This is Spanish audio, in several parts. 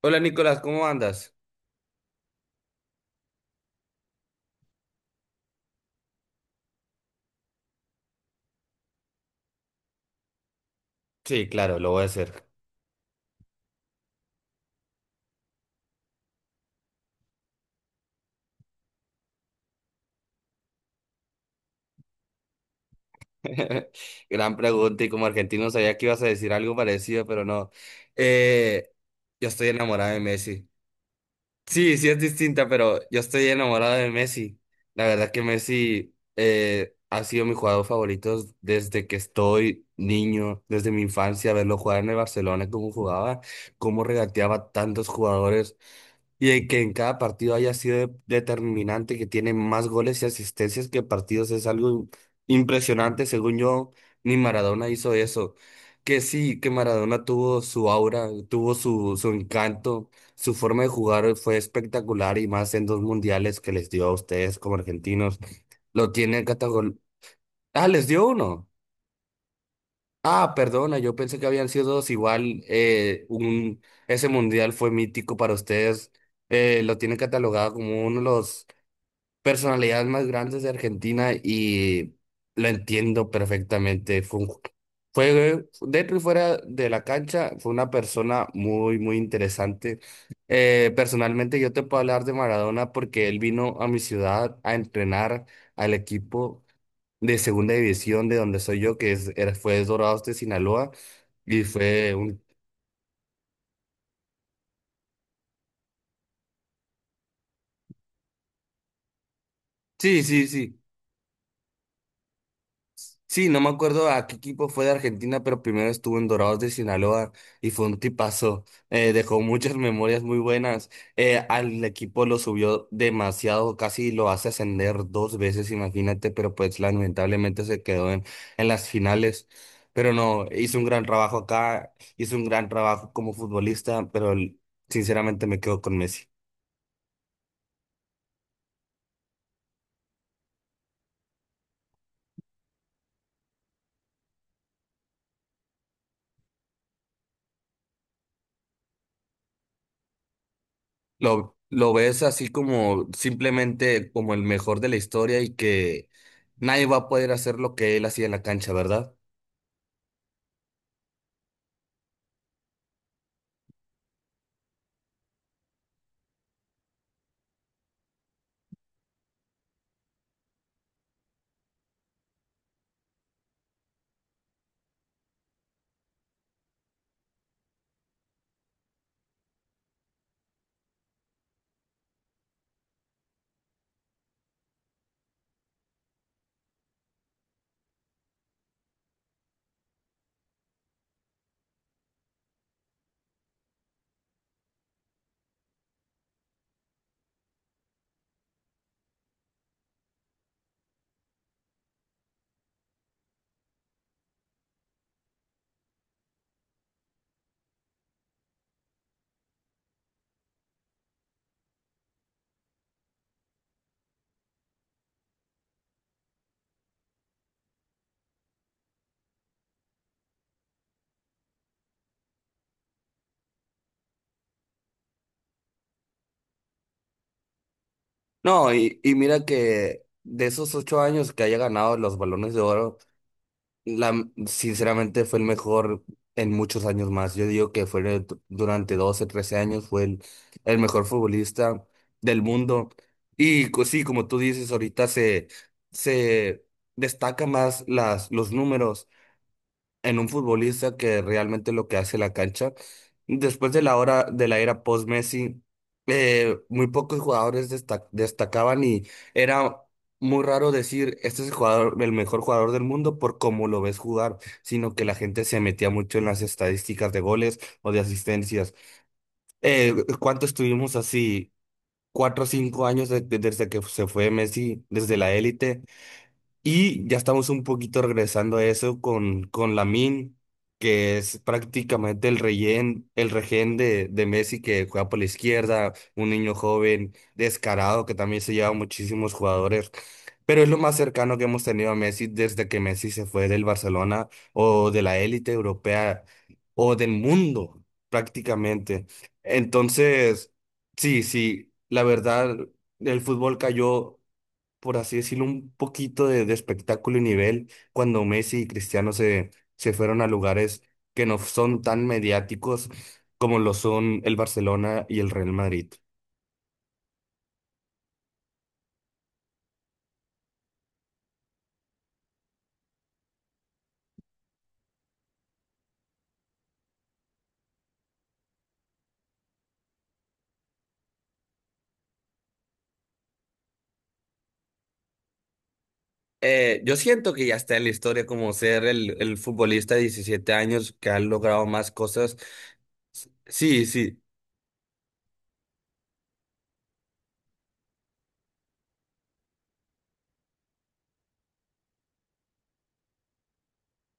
Hola Nicolás, ¿cómo andas? Sí, claro, lo voy a hacer. Gran pregunta y como argentino sabía que ibas a decir algo parecido, pero no. Eh, yo estoy enamorado de Messi. Sí, sí es distinta, pero yo estoy enamorado de Messi. La verdad que Messi ha sido mi jugador favorito desde que estoy niño, desde mi infancia, verlo jugar en el Barcelona, cómo jugaba, cómo regateaba tantos jugadores. Y de que en cada partido haya sido determinante, que tiene más goles y asistencias que partidos, es algo impresionante. Según yo, ni Maradona hizo eso. Que sí, que Maradona tuvo su aura, tuvo su encanto, su forma de jugar fue espectacular y más en dos mundiales que les dio a ustedes como argentinos. Lo tienen categor... Ah, les dio uno. Ah, perdona, yo pensé que habían sido dos. Igual, ese mundial fue mítico para ustedes. Lo tienen catalogado como uno de los personalidades más grandes de Argentina y lo entiendo perfectamente. Fue dentro y fuera de la cancha, fue una persona muy interesante. Personalmente, yo te puedo hablar de Maradona porque él vino a mi ciudad a entrenar al equipo de segunda división de donde soy yo, fue Dorados de Sinaloa, y fue un... Sí, sí, sí. Sí, no me acuerdo a qué equipo fue de Argentina, pero primero estuvo en Dorados de Sinaloa y fue un tipazo. Dejó muchas memorias muy buenas. Al equipo lo subió demasiado, casi lo hace ascender dos veces, imagínate, pero pues lamentablemente se quedó en las finales. Pero no, hizo un gran trabajo acá, hizo un gran trabajo como futbolista, sinceramente me quedo con Messi. Lo ves así como simplemente como el mejor de la historia y que nadie va a poder hacer lo que él hacía en la cancha, ¿verdad? No, y mira que de esos ocho años que haya ganado los Balones de Oro, la, sinceramente fue el mejor en muchos años más. Yo digo que durante 12 13 años, el mejor futbolista del mundo. Sí, como tú dices, se destaca más los números en un futbolista que realmente lo que hace la cancha. Después de la hora de la era post-Messi, muy pocos jugadores destacaban y era muy raro decir, este es el jugador, el mejor jugador del mundo por cómo lo ves jugar, sino que la gente se metía mucho en las estadísticas de goles o de asistencias. Eh, ¿Cuánto estuvimos así? Cuatro o cinco años desde que se fue Messi, desde la élite. Y ya estamos un poquito regresando a eso con Lamine, que es prácticamente el rehén de Messi que juega por la izquierda, un niño joven, descarado, que también se lleva muchísimos jugadores. Pero es lo más cercano que hemos tenido a Messi desde que Messi se fue del Barcelona o de la élite europea o del mundo, prácticamente. Entonces, sí, sí, la verdad, el fútbol cayó por así decirlo, un poquito de espectáculo y nivel cuando Messi y Cristiano se fueron a lugares que no son tan mediáticos como lo son el Barcelona y el Real Madrid. Yo siento que ya está en la historia como ser el futbolista de 17 años que ha logrado más cosas. Sí, sí.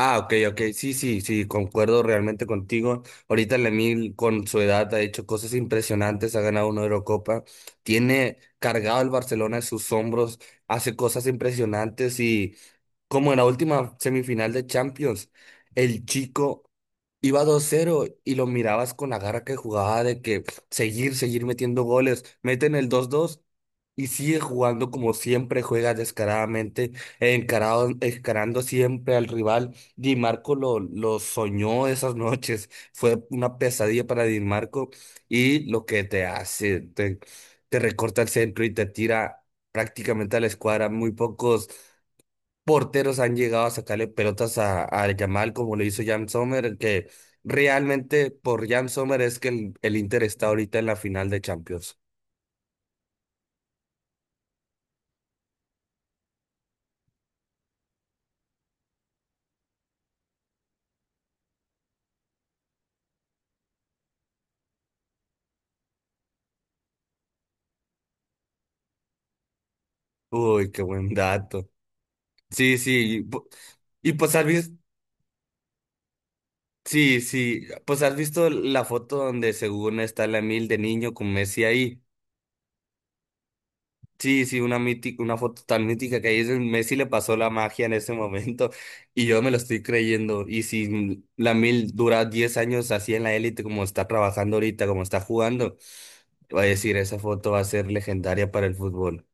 Ah, ok, ok, sí, sí, sí, concuerdo realmente contigo. Ahorita Lemil con su edad ha hecho cosas impresionantes, ha ganado una Eurocopa, tiene cargado el Barcelona en sus hombros, hace cosas impresionantes y como en la última semifinal de Champions, el chico iba 2-0 y lo mirabas con la garra que jugaba de que seguir, seguir metiendo goles, meten el 2-2 y sigue jugando como siempre juega descaradamente, encarado, encarando siempre al rival. Di Marco lo soñó esas noches, fue una pesadilla para Di Marco y lo que te recorta el centro y te tira prácticamente a la escuadra, muy pocos porteros han llegado a sacarle pelotas a Yamal como lo hizo Jan Sommer, que realmente por Jan Sommer es que el Inter está ahorita en la final de Champions. Uy, qué buen dato. Sí, sí. Y pues has visto, sí, sí, pues has visto la foto donde según está la mil de niño con Messi ahí. Sí, sí, una mítica, una foto tan mítica que ahí es donde Messi le pasó la magia en ese momento y yo me lo estoy creyendo. Y si la mil dura 10 años así en la élite como está trabajando ahorita, como está jugando, va a decir, esa foto va a ser legendaria para el fútbol.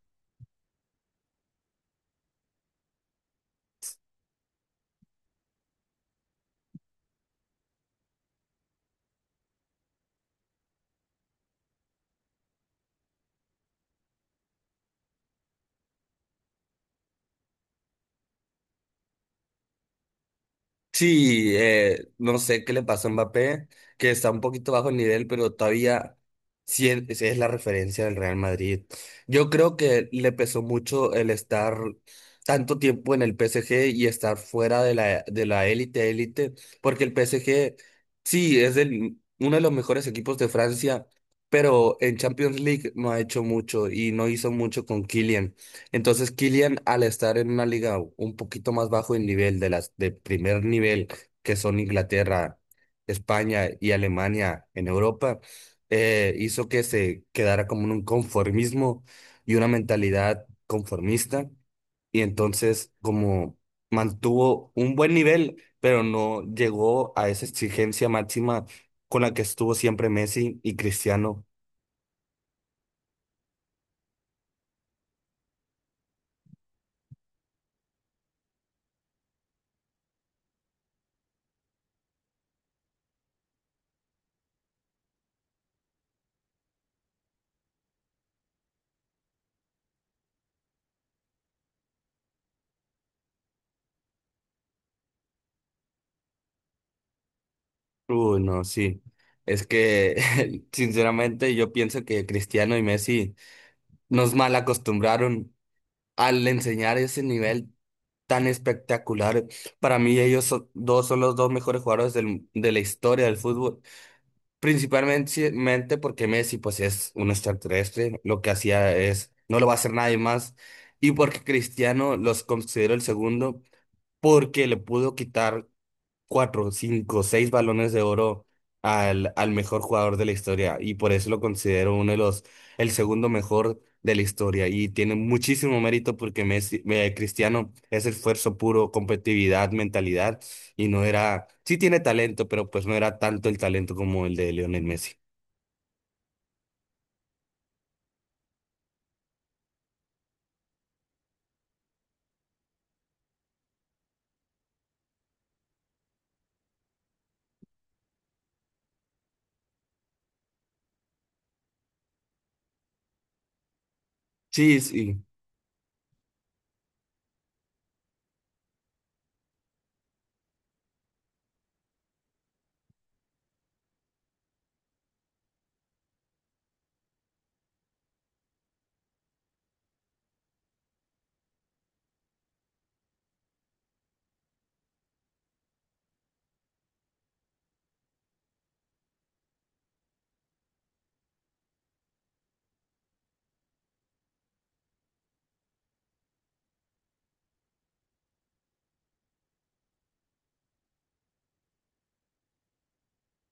Sí, no sé qué le pasó a Mbappé, que está un poquito bajo el nivel, pero todavía sí es la referencia del Real Madrid. Yo creo que le pesó mucho el estar tanto tiempo en el PSG y estar fuera de de la élite, élite, porque el PSG sí es el, uno de los mejores equipos de Francia, pero en Champions League no ha hecho mucho y no hizo mucho con Kylian. Entonces, Kylian, al estar en una liga un poquito más bajo en nivel de las de primer nivel, que son Inglaterra, España y Alemania en Europa, hizo que se quedara como en un conformismo y una mentalidad conformista. Y entonces, como mantuvo un buen nivel, pero no llegó a esa exigencia máxima con la que estuvo siempre Messi y Cristiano. Uy, no, sí. Es que, sinceramente, yo pienso que Cristiano y Messi nos mal acostumbraron al enseñar ese nivel tan espectacular. Para mí, dos son los dos mejores jugadores de la historia del fútbol. Principalmente mente porque Messi, pues, es un extraterrestre. Lo que hacía es, no lo va a hacer nadie más. Y porque Cristiano los considero el segundo, porque le pudo quitar cuatro, cinco, seis balones de oro al mejor jugador de la historia y por eso lo considero uno de los, el segundo mejor de la historia y tiene muchísimo mérito porque Messi, Cristiano es esfuerzo puro, competitividad, mentalidad y no era, sí tiene talento, pero pues no era tanto el talento como el de Lionel Messi. Sí, sí,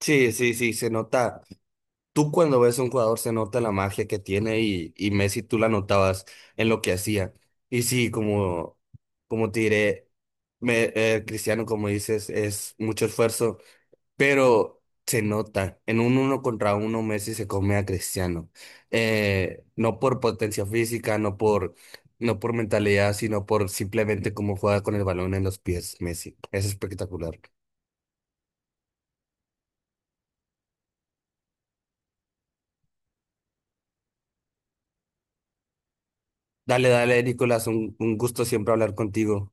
sí, sí, sí, se nota. Tú cuando ves a un jugador se nota la magia que tiene y Messi tú la notabas en lo que hacía. Y sí, como, como te diré, Cristiano, como dices, es mucho esfuerzo, pero se nota. En un uno contra uno Messi se come a Cristiano. No por potencia física, no por mentalidad, sino por simplemente cómo juega con el balón en los pies Messi. Es espectacular. Dale, dale, Nicolás, un gusto siempre hablar contigo.